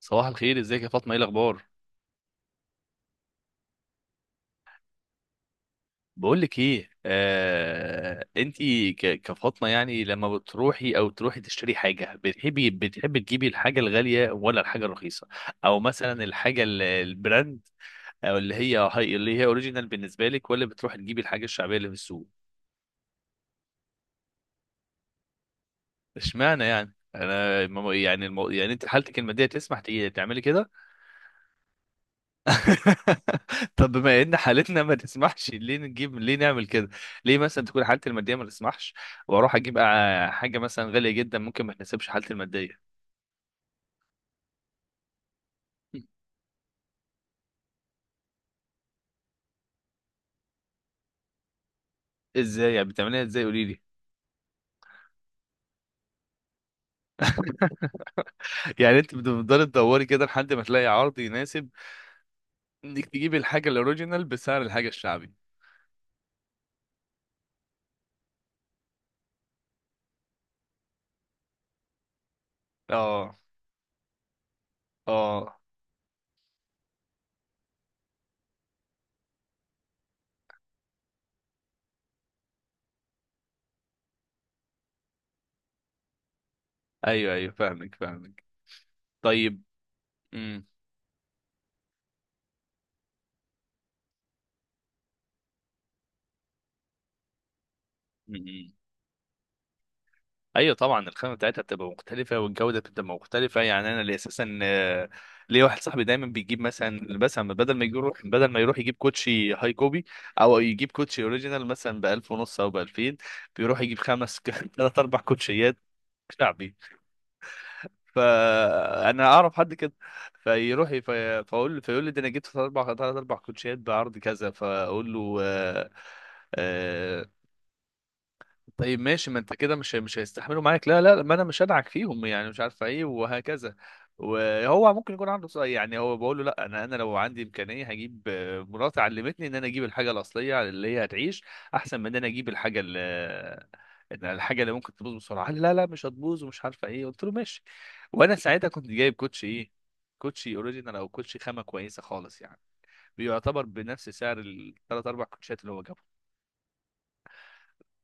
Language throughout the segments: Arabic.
صباح الخير، ازيك يا فاطمه؟ ايه الاخبار؟ بقول لك ايه، كفاطمه يعني، لما بتروحي او تروحي تشتري حاجه، بتحبي تجيبي الحاجه الغاليه ولا الحاجه الرخيصه؟ او مثلا البراند، او اللي هي هاي اللي هي اوريجينال بالنسبه لك، ولا بتروحي تجيبي الحاجه الشعبيه اللي في السوق؟ اشمعنى يعني؟ انا يعني يعني انت حالتك الماديه تسمح تعملي كده. طب بما ان حالتنا ما تسمحش، ليه نجيب، ليه نعمل كده؟ ليه مثلا تكون حالتي الماديه ما تسمحش واروح اجيب حاجه مثلا غاليه جدا ممكن ما تناسبش حالتي الماديه؟ ازاي يعني بتعمليها؟ ازاي؟ قولي لي. يعني انت بتفضلي تدوري كده لحد ما تلاقي عرض يناسب انك تجيبي الحاجه الاوريجينال بسعر الحاجه الشعبي. اه. اه. ايوه ايوه، فاهمك فاهمك. طيب. امم. إمم. إمم. ايوه طبعا، الخامه بتاعتها بتبقى مختلفه والجوده بتبقى مختلفه. يعني انا اللي اساسا ليا واحد صاحبي دايما بيجيب، مثلا بدل ما يروح يجيب كوتشي هاي كوبي، او يجيب كوتشي اوريجينال مثلا ب 1000 ونص او ب 2000، بيروح يجيب خمس ثلاث اربع كوتشيات شعبي. فانا اعرف حد كده، فاقول له، فيقول لي ده انا جبت ثلاث اربع كوتشيات بعرض كذا، فاقول له آه، طيب ماشي، ما انت كده مش هيستحملوا معاك. لا لا لا، ما انا مش هدعك فيهم يعني، مش عارفه ايه وهكذا. وهو ممكن يكون عنده يعني هو بقول له لا، انا لو عندي امكانيه هجيب، مراتي علمتني ان انا اجيب الحاجه الاصليه اللي هي هتعيش احسن من ان انا اجيب الحاجه اللي، إن الحاجه اللي ممكن تبوظ بسرعه. قال لي لا لا، مش هتبوظ ومش عارفه ايه. قلت له ماشي. وانا ساعتها كنت جايب كوتشي ايه؟ كوتشي اوريجينال او كوتشي خامه كويسه خالص يعني، بيعتبر بنفس سعر الثلاث اربع كوتشات اللي هو جابهم.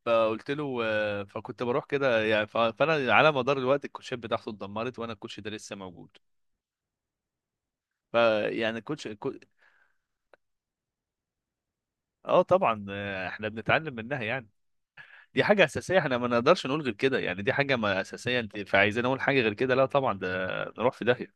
فقلت له فكنت بروح كده يعني. فانا على مدار الوقت، الكوتشات بتاعته اتدمرت وانا الكوتش ده لسه موجود. فيعني الكوتش. اه طبعا، احنا بنتعلم منها يعني. دي حاجة أساسية، احنا ما نقدرش نقول غير كده يعني. دي حاجة ما أساسية، انت فعايزين نقول حاجة غير كده؟ لا طبعا، ده نروح في داهية.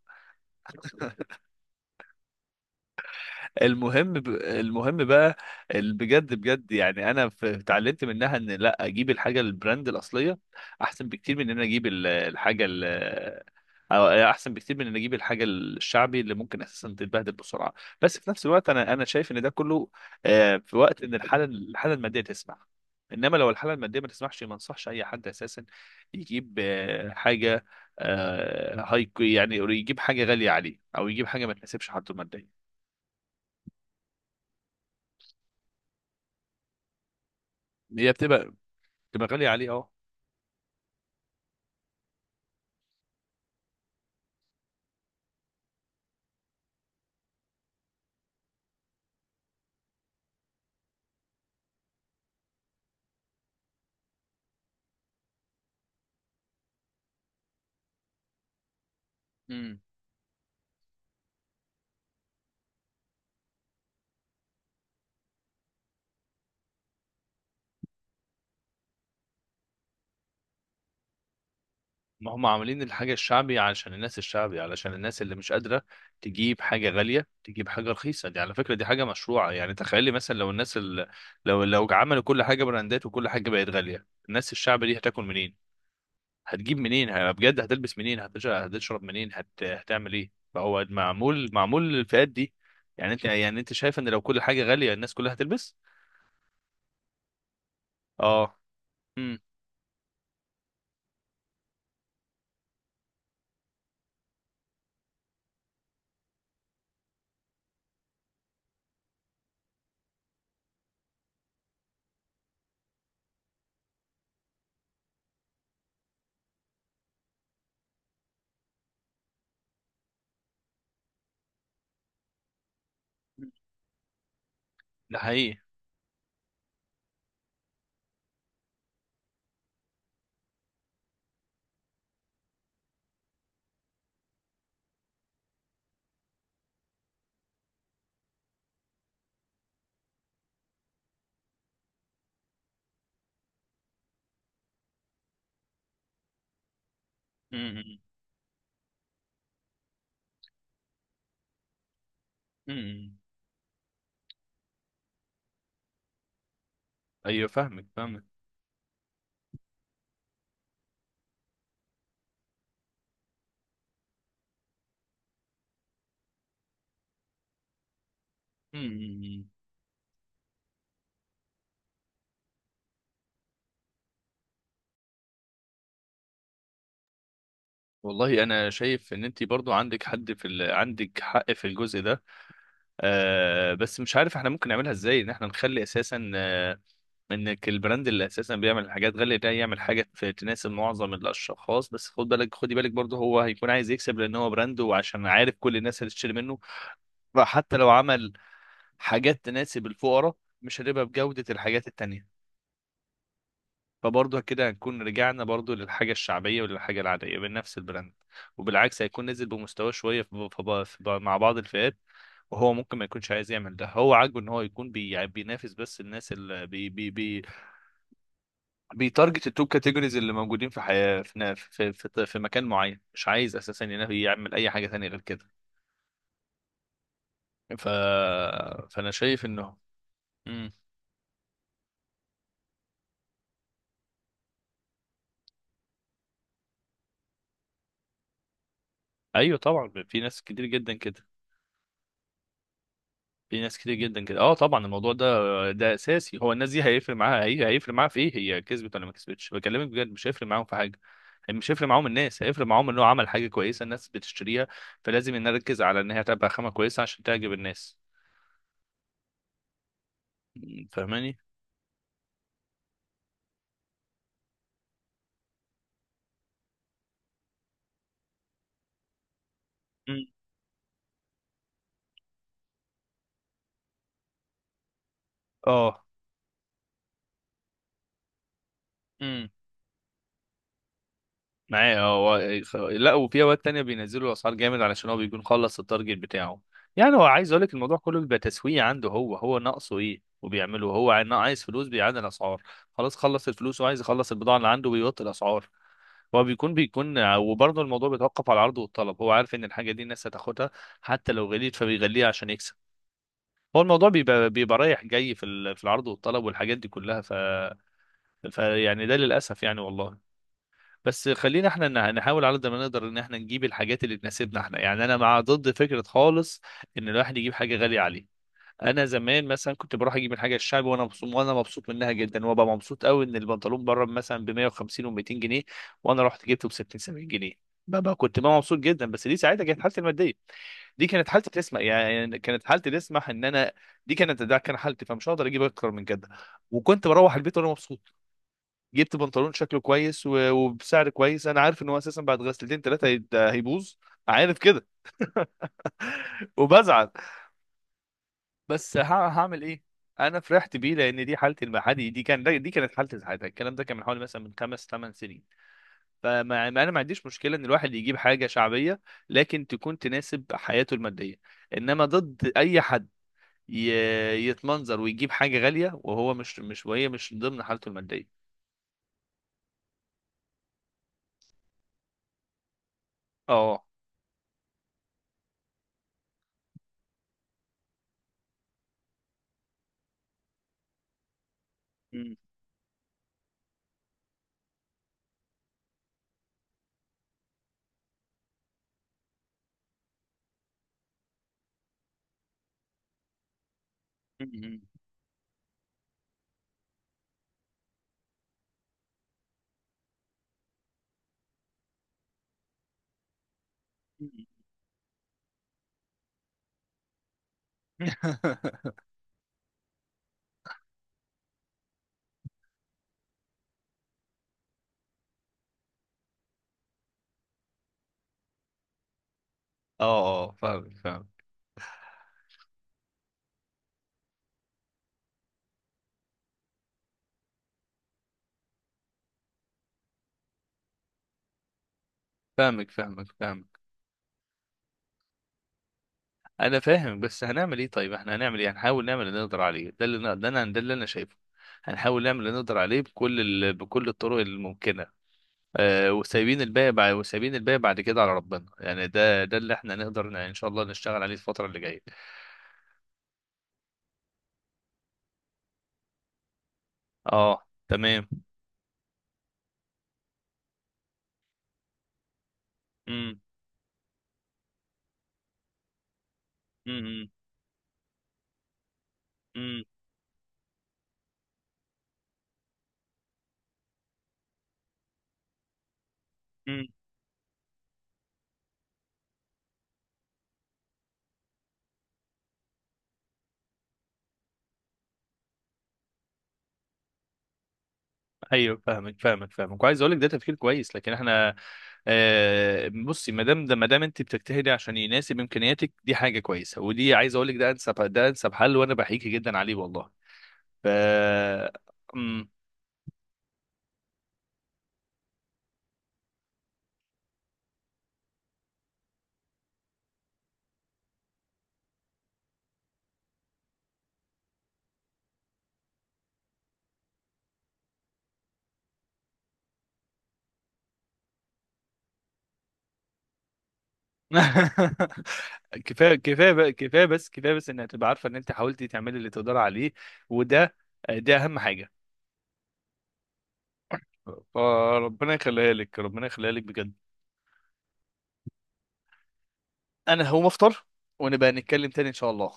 المهم بقى بجد بجد يعني. انا اتعلمت منها ان لا، اجيب الحاجه البراند الاصليه احسن بكتير من ان انا اجيب أو احسن بكتير من ان اجيب الحاجه الشعبي اللي ممكن اساسا تتبهدل بسرعه. بس في نفس الوقت، انا شايف ان ده كله في وقت ان الحاله الماديه تسمح. انما لو الحاله الماديه ما تسمحش، ما انصحش اي حد اساسا يجيب حاجه هاي يعني، يجيب حاجه غاليه عليه او يجيب حاجه ما تناسبش حالته الماديه. هي بتبقى تبقى غالية عليه، اه. امم. ما هم عاملين الحاجة الشعبي علشان الناس الشعبي، علشان الناس اللي مش قادرة تجيب حاجة غالية تجيب حاجة رخيصة. دي على فكرة دي حاجة مشروعة يعني. تخيلي مثلا لو الناس لو عملوا كل حاجة براندات وكل حاجة بقت غالية، الناس الشعبي دي هتاكل منين؟ هتجيب منين؟ بجد هتلبس منين؟ هتشرب منين؟ هتعمل ايه؟ فهو معمول، معمول للفئات دي. يعني انت شايف ان لو كل حاجة غالية الناس كلها هتلبس؟ اه. امم. ده حقيقي. امم. امم. ايوه فاهمك فاهمك. مم. والله انا شايف ان انت برضو عندك حق في الجزء ده. آه بس مش عارف احنا ممكن نعملها ازاي ان احنا نخلي اساسا آه، انك البراند اللي اساسا بيعمل الحاجات غالية ده يعمل حاجة تناسب معظم الاشخاص. بس خد بالك، خدي بالك برضو، هو هيكون عايز يكسب لان هو براند وعشان عارف كل الناس اللي تشتري منه. فحتى لو عمل حاجات تناسب الفقراء، مش هتبقى بجودة الحاجات التانية. فبرضه كده هنكون رجعنا برضه للحاجة الشعبية وللحاجة العادية بنفس البراند. وبالعكس، هيكون نزل بمستوى شوية في مع بعض الفئات. وهو ممكن ما يكونش عايز يعمل ده. هو عاجبه ان هو يكون يعني بينافس بس الناس اللي بيتارجت التوب كاتيجوريز اللي موجودين في حياة في مكان معين. مش عايز اساسا يعمل اي حاجة تانية غير كده. ف... فانا شايف انه. مم. ايوه طبعا، في ناس كتير جدا كده. اه طبعا الموضوع ده، ده اساسي. هو الناس دي هيفرق معاها، هي هيفرق معاها في ايه؟ هي كسبت ولا ما كسبتش؟ بكلمك بجد مش هيفرق معاهم في حاجه. يعني مش هيفرق معاهم، الناس هيفرق معاهم انه عمل حاجه كويسه الناس بتشتريها. فلازم إن نركز على ان هي تبقى خامه كويسه عشان تعجب الناس. م، فاهماني؟ م، اه معايا هو. لا، وفي اوقات تانية بينزلوا الاسعار جامد علشان هو بيكون خلص التارجت بتاعه. يعني هو عايز اقول لك، الموضوع كله بيبقى تسويق عنده. هو هو ناقصه ايه وبيعمله. هو عايز فلوس بيعلي الاسعار. خلاص خلص الفلوس وعايز يخلص البضاعة اللي عنده، بيوطي الاسعار. هو بيكون وبرضه الموضوع بيتوقف على العرض والطلب. هو عارف ان الحاجة دي الناس هتاخدها حتى لو غليت، فبيغليها عشان يكسب. هو الموضوع بيبقى رايح جاي في في العرض والطلب والحاجات دي كلها. ف يعني ده للاسف يعني، والله. بس خلينا احنا نحاول على قد ما نقدر ان احنا نجيب الحاجات اللي تناسبنا احنا. يعني انا مع ضد فكره خالص ان الواحد يجيب حاجه غاليه عليه. انا زمان مثلا كنت بروح اجيب الحاجه الشعبي وانا مبسوط، وانا مبسوط منها جدا، وابقى مبسوط قوي ان البنطلون بره مثلا ب 150 و200 جنيه، وانا رحت جبته ب 60 70 جنيه. بابا كنت بقى مبسوط جدا. بس دي ساعتها كانت حالتي الماديه، دي كانت حالتي تسمح يعني. كانت حالتي تسمح ان انا، دي كانت، ده كان حالتي، فمش هقدر اجيب اكتر من كده. وكنت بروح البيت وانا مبسوط، جبت بنطلون شكله كويس وبسعر كويس. انا عارف ان هو اساسا بعد غسلتين ثلاثه هيبوظ، عارف كده. وبزعل، بس هعمل ايه؟ انا فرحت بيه لان دي حالتي المحلي، دي كان، دي كانت حالتي ساعتها. الكلام ده كان من حوالي مثلا من خمس ثمان سنين. فما ما انا ما عنديش مشكله ان الواحد يجيب حاجه شعبيه لكن تكون تناسب حياته الماديه. انما ضد اي حد يتمنظر ويجيب حاجه غاليه وهو مش وهي مش ضمن حالته الماديه. اه. اه. اه. فاهمك. انا فاهم بس هنعمل ايه؟ طيب احنا هنعمل ايه؟ هنحاول نعمل اللي نقدر عليه. ده ده انا ده اللي انا شايفه. هنحاول نعمل اللي نقدر عليه بكل بكل الطرق الممكنه. آه، وسايبين الباقي بعد، وسايبين الباقي بعد كده على ربنا يعني. ده اللي احنا نقدر ان شاء الله نشتغل عليه الفتره اللي جايه. اه. تمام. امم. امم. إمم. إمم. إمم. ايوه فاهمك فاهمك فاهمك. وعايز اقول لك ده تفكير كويس، لكن احنا بصي. ما دام ده، ما دام انت بتجتهدي عشان يناسب امكانياتك، دي حاجه كويسه. ودي عايز اقول لك ده انسب، ده انسب حل، وانا بحييكي جدا عليه والله. ف. أمم. كفايه بس كفايه بس انك تبقى عارفه ان انت حاولتي تعملي اللي تقدري عليه. وده، ده اهم حاجه. فربنا يخليها لك، ربنا يخليها لك بجد. انا هقوم افطر، ونبقى نتكلم تاني ان شاء الله.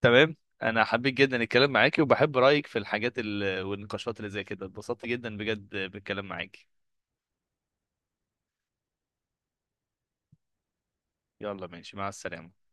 تمام. انا حبيت جدا الكلام معاكي، وبحب رايك في الحاجات والنقاشات اللي زي كده. اتبسطت جدا بجد بالكلام معاكي. يلا ماشي، مع السلامة.